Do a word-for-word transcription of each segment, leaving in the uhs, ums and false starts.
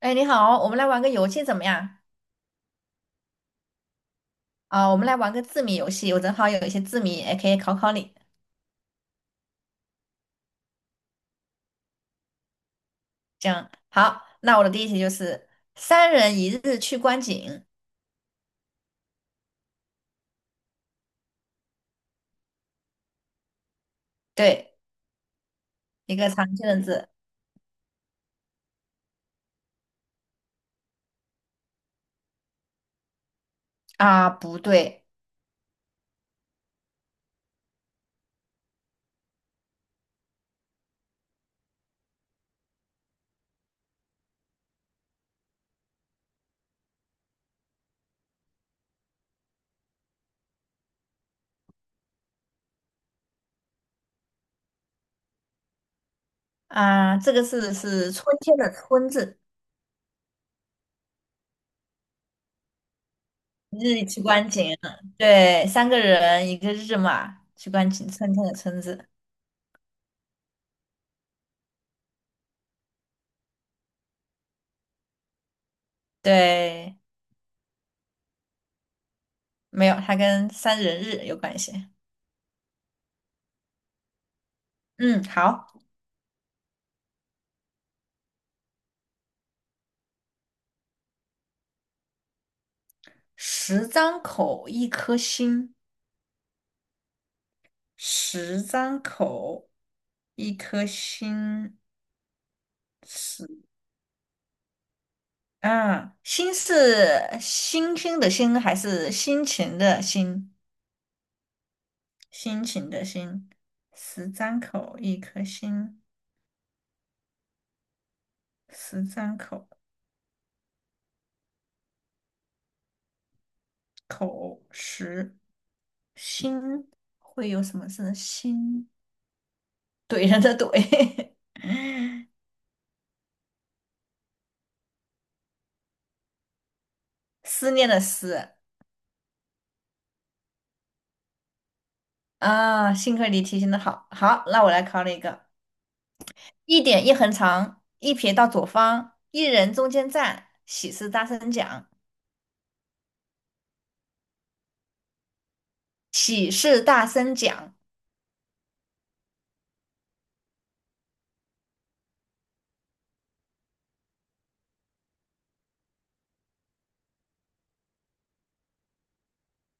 哎，你好，我们来玩个游戏怎么样？啊、我们来玩个字谜游戏，我正好有一些字谜，也可以考考你。这样，好，那我的第一题就是“三人一日去观景”，对，一个常见的字。啊，不对。啊，这个字是春天的“春”字，一日去观景，对，三个人一个日嘛，去观景，春天的“春”字，对，没有，它跟三人日有关系。嗯，好，十张口，一颗心。十张口，一颗心是啊，心是星星的星还是心情的心？心情的心，十张口，一颗心，十张口，口十心会有什么字？心，怼人的怼，思念的思。啊，幸亏你提醒的好，好，那我来考你一个。一点一横长，一撇到左方，一人中间站，喜事大声讲，喜事大声讲，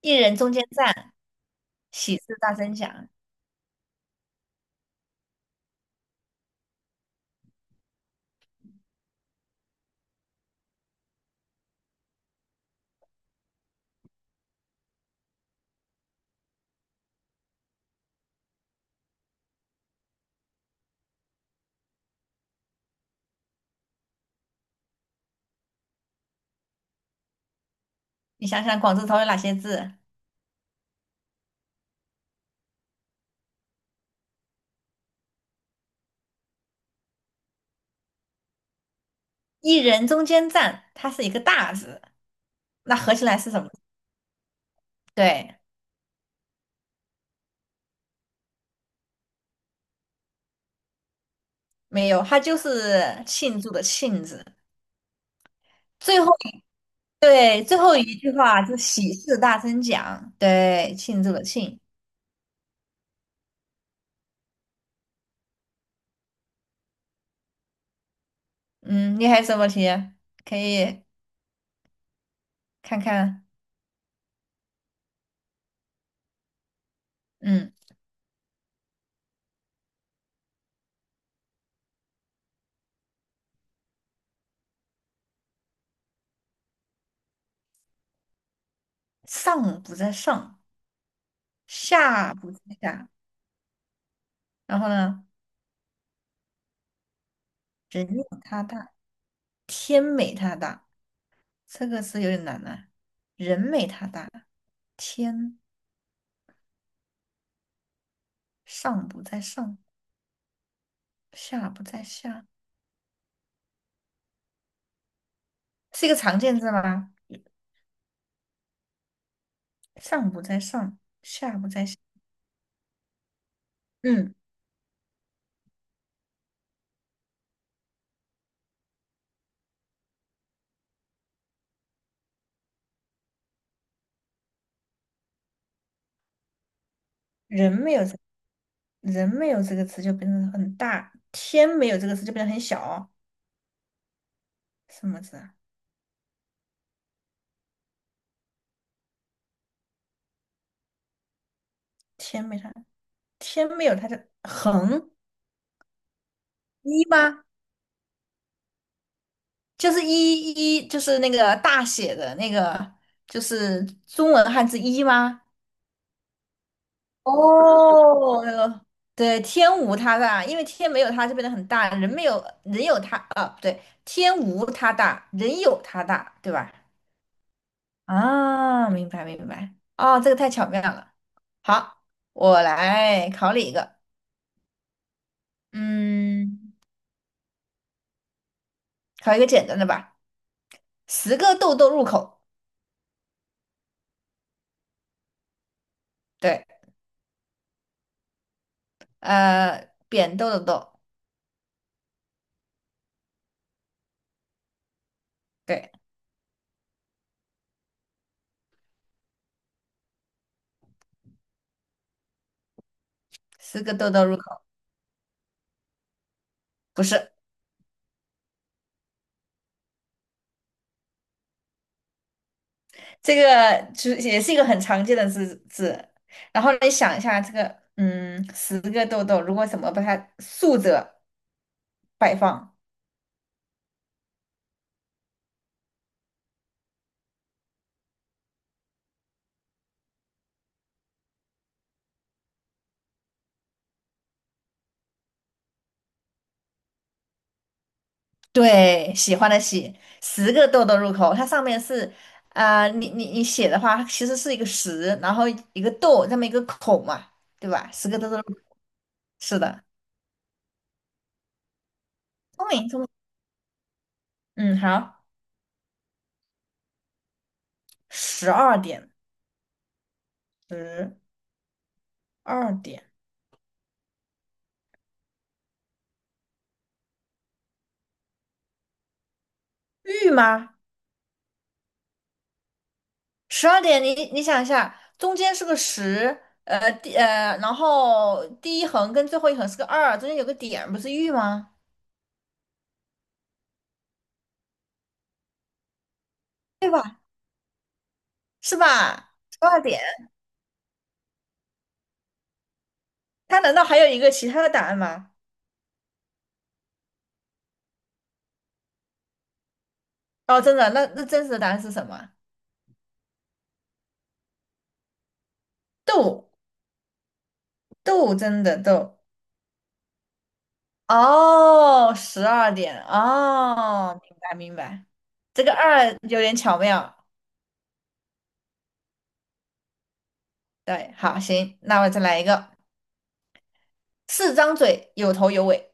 一人中间站，喜事大声讲。你想想，广字头有哪些字？一人中间站，它是一个大字，那合起来是什么？对，没有，它就是庆祝的庆字。最后一对最后一句话就是喜事大声讲，对，庆祝的庆。嗯，你还有什么题？可以看看。嗯，上不在上。下不是下，然后呢，人美他大，天美他大，这个词有点难呢、人美他大，天上不在上，下不在下，是一个常见字吗？上不在上，下不在下。嗯，人没有这，人没有这个词就变得很大，天没有这个词就变得很小。什么字啊？天没它，天没有它的横一吗？就是一一就是那个大写的那个，就是中文汉字一吗？哦，那个对，天无他大，因为天没有他就变得很大，人没有人有他啊，不对，天无他大，人有他大，对吧？啊，明白明白，哦，这个太巧妙了。好，我来考你一个，嗯，考一个简单的吧。十个豆豆入口，对，呃，扁豆的豆，对，十个豆豆入口。不是，这个就是也是一个很常见的字字。然后你想一下，这个嗯，十个豆豆，如果怎么把它竖着摆放？对，喜欢的喜，十个豆豆入口，它上面是啊、呃你你你写的话，它其实是一个十，然后一个豆，这么一个口嘛，对吧？十个豆豆入口，是的，聪明聪明，嗯，好，十二点，十二点，玉吗？十二点，你你想一下，中间是个十，呃，第呃，然后第一横跟最后一横是个二，中间有个点，不是玉吗？对吧？是吧？十二点，它难道还有一个其他的答案吗？哦，真的，那那真实的答案是什么？斗，斗争的斗。哦，十二点，哦，明白明白，这个二有点巧妙。对，好，行，那我再来一个，四张嘴，有头有尾。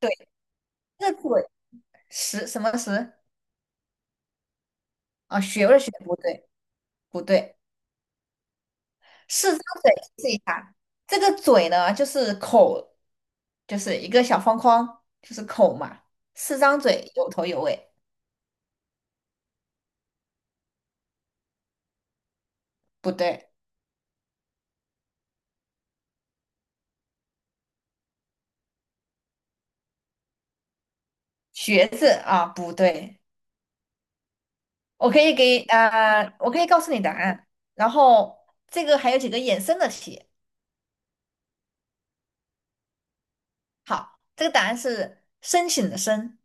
对，这个嘴十什么十？啊，学不学，不对。不对，四张嘴试一下。这个嘴呢，就是口，就是一个小方框，就是口嘛。四张嘴，有头有尾，不对。学字啊，不对。我可以给啊、呃我可以告诉你答案。然后这个还有几个衍生的题。好，这个答案是申请的申。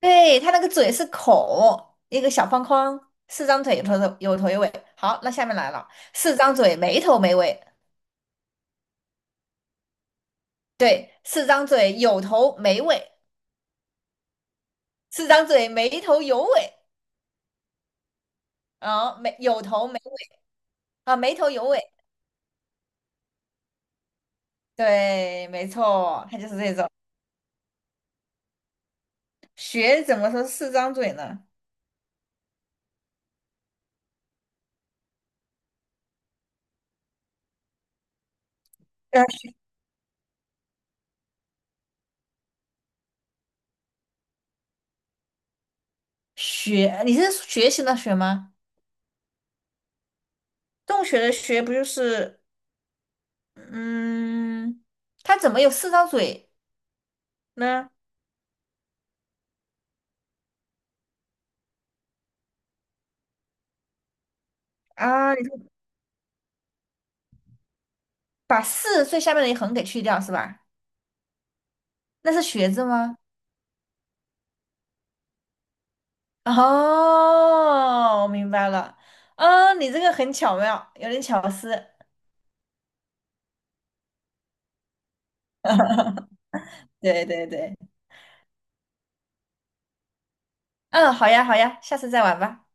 对，它那个嘴是口，一个小方框，四张腿，有头有头有尾。好，那下面来了，四张嘴没头没尾，对，四张嘴有头没尾，四张嘴没头有尾，啊，没有头没尾。啊，没头有尾，对，没错，它就是这种。学怎么说四张嘴呢？呃，学，你是学习的学吗？洞穴的穴不就是，嗯，它怎么有四张嘴呢？啊，你说把四最下面的一横给去掉是吧？那是学字吗？哦，我明白了。嗯，你这个很巧妙，有点巧思。对对对，嗯，好呀好呀，下次再玩吧。